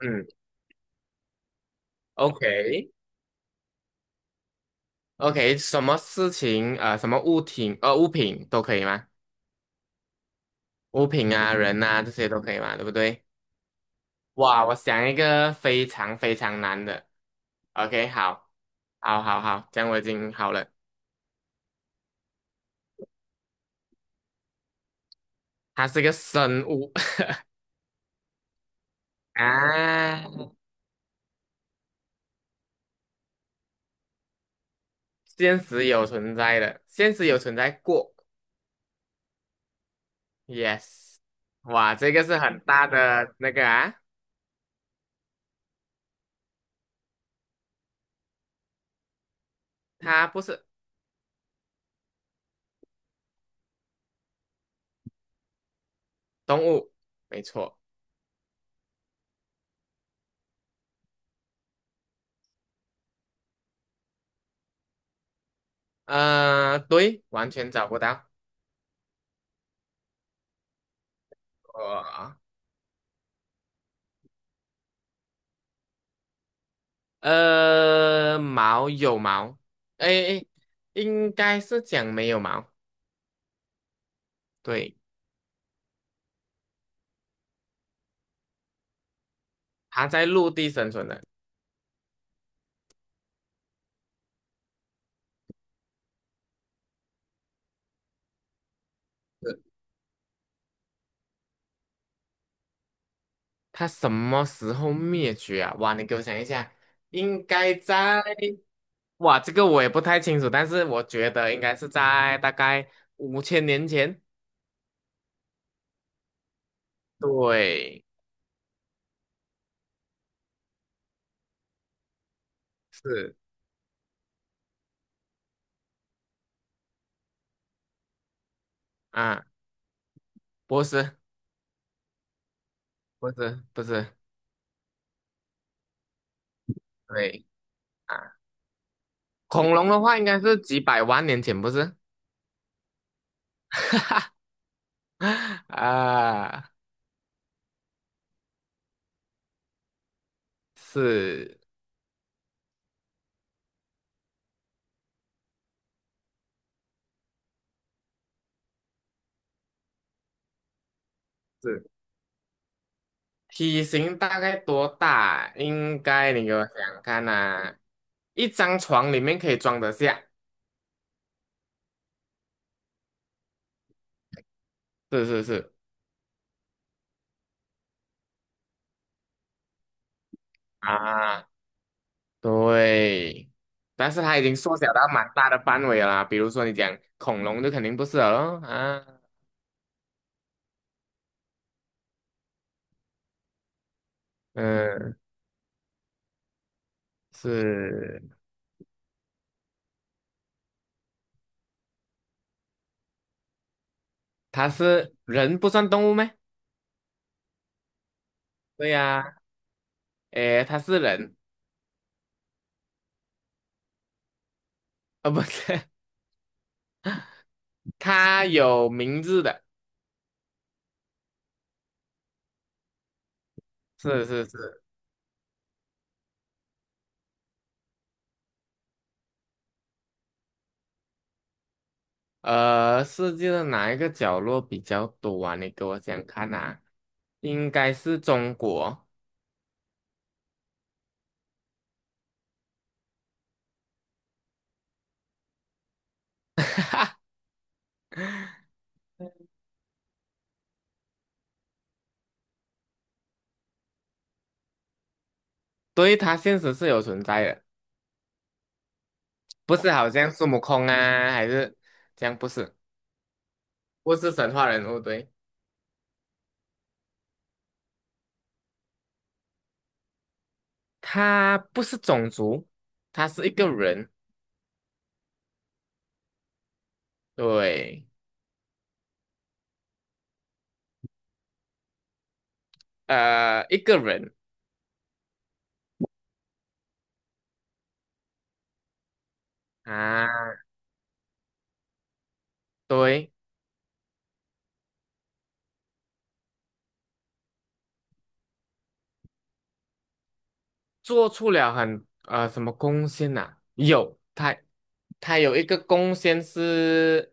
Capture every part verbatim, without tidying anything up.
嗯，O K O K，什么事情啊、呃什么物品呃物品都可以吗？物品啊、人啊这些都可以吗？对不对？哇，我想一个非常非常难的。OK，好，好，好，好，这样我已经好了。它是个生物 啊，现实有存在的，现实有存在过。Yes，哇，这个是很大的那个啊，它不是动物，没错。呃，对，完全找不到。哇呃，毛有毛，哎哎，应该是讲没有毛。对，它在陆地生存的，它什么时候灭绝啊？哇，你给我想一下，应该在，哇，这个我也不太清楚，但是我觉得应该是在大概五千年前。对，是啊，不是，不是，不是，对啊，恐龙的话应该是几百万年前，不是？啊，是。是体型大概多大？应该你给我想想看呐、一张床里面可以装得下，是是是啊，对。但是它已经缩小到蛮大的范围了啦，比如说你讲恐龙就肯定不是了咯啊，嗯，是，它是人不算动物咩？对呀、诶，它是人，啊，不是，它有名字的，是是是，呃，世界的哪一个角落比较多啊？你给我讲看啊，应该是中国，对，它现实是有存在的，不是好像孙悟空啊，还是这样？不是，不是神话人物，对，他不是种族，他是一个人，对，呃，一个人啊，对。做出了很呃什么贡献呐、有，他他有一个贡献是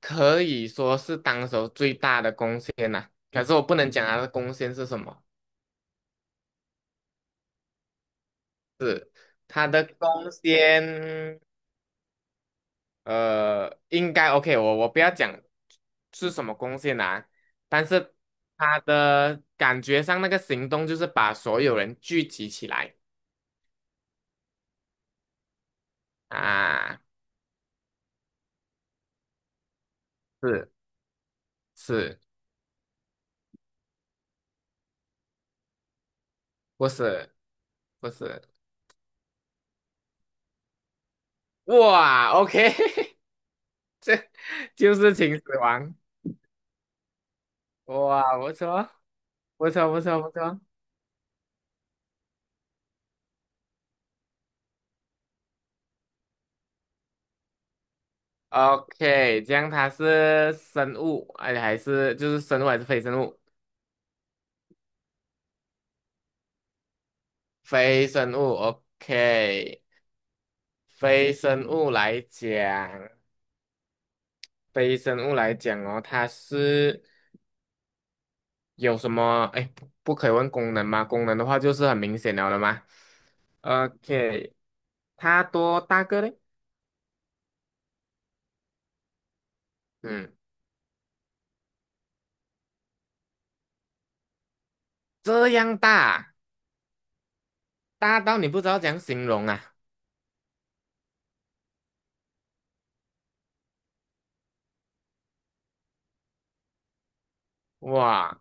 可以说是当时候最大的贡献呐、可是我不能讲他的贡献是什么，他的贡献呃应该 OK，我我不要讲是什么贡献啊，但是他的感觉上那个行动就是把所有人聚集起来啊，是是，不是不是，哇，OK。就是秦始皇。哇，不错，不错，不错，不错。OK，这样它是生物，哎，还是就是生物还是非生物？非生物，OK。非生物来讲，非生物来讲哦，它是有什么？哎，不不可以问功能吗？功能的话就是很明显了的嘛。OK，它多大个嘞？嗯，这样大，大到你不知道怎样形容啊！哇。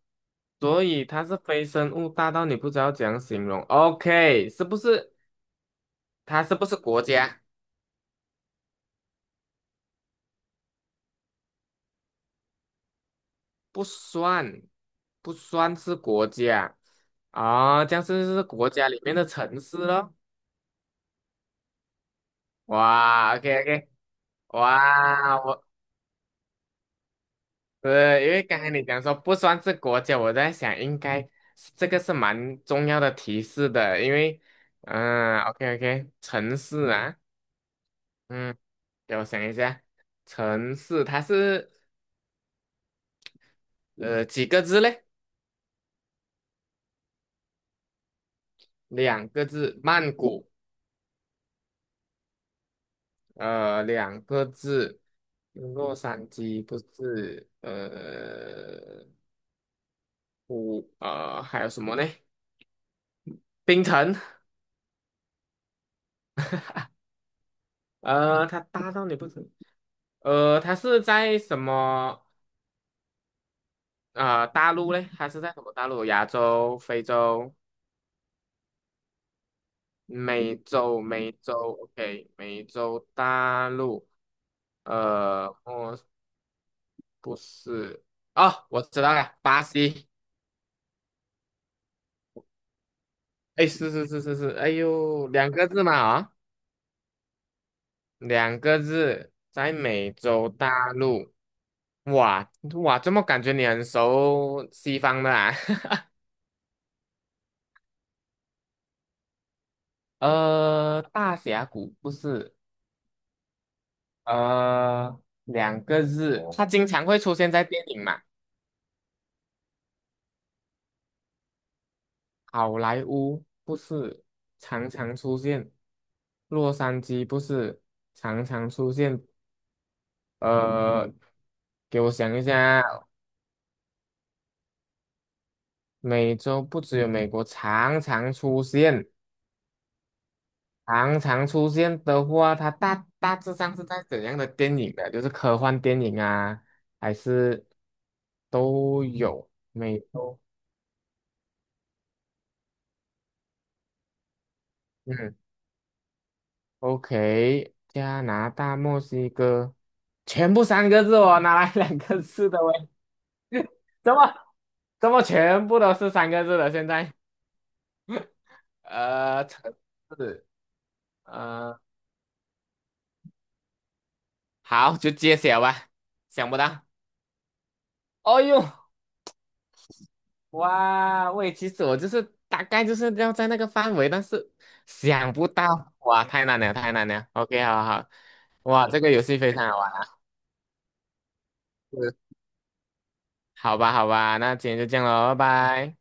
所以它是非生物大到你不知道怎样形容。OK，是不是？它是不是国家？不算，不算是国家啊、这样是是国家里面的城市咯。哇，OK OK，哇，我呃，因为刚才你讲说不算是国家，我在想应该是这个是蛮重要的提示的，因为嗯、o k OK，城市啊，嗯，给我想一下，城市它是呃几个字嘞？两个字，曼谷，呃，两个字，洛杉矶不是，呃，湖，呃，还有什么呢？冰城，呃，它大到你不知，呃，它是在什么，呃，大陆嘞？它是在什么大陆？亚洲、非洲、美洲、美洲，OK，美洲大陆，呃，哦，不是，哦，我知道了，巴西。哎，是是是是是，哎呦，两个字嘛啊，两个字，在美洲大陆，哇哇，怎么感觉你很熟西方的啊？呃，大峡谷不是，呃，两个字，它经常会出现在电影嘛，好莱坞不是，常常出现，洛杉矶不是，常常出现，呃，给我想一下，美洲不只有美国常常出现，常常出现的话，它大大致上是在怎样的电影的？就是科幻电影啊，还是都有美洲？嗯，OK，加拿大、墨西哥，全部三个字哦，哪来两个字的喂？怎么怎么全部都是三个字的？现在呃，城市呃，好，就揭晓吧，想不到。哦呦，哇，喂，其实我就是大概就是要在那个范围，但是想不到，哇，太难了，太难了。OK，好好，哇，这个游戏非常好玩啊，是好吧，好吧，那今天就这样喽，拜拜。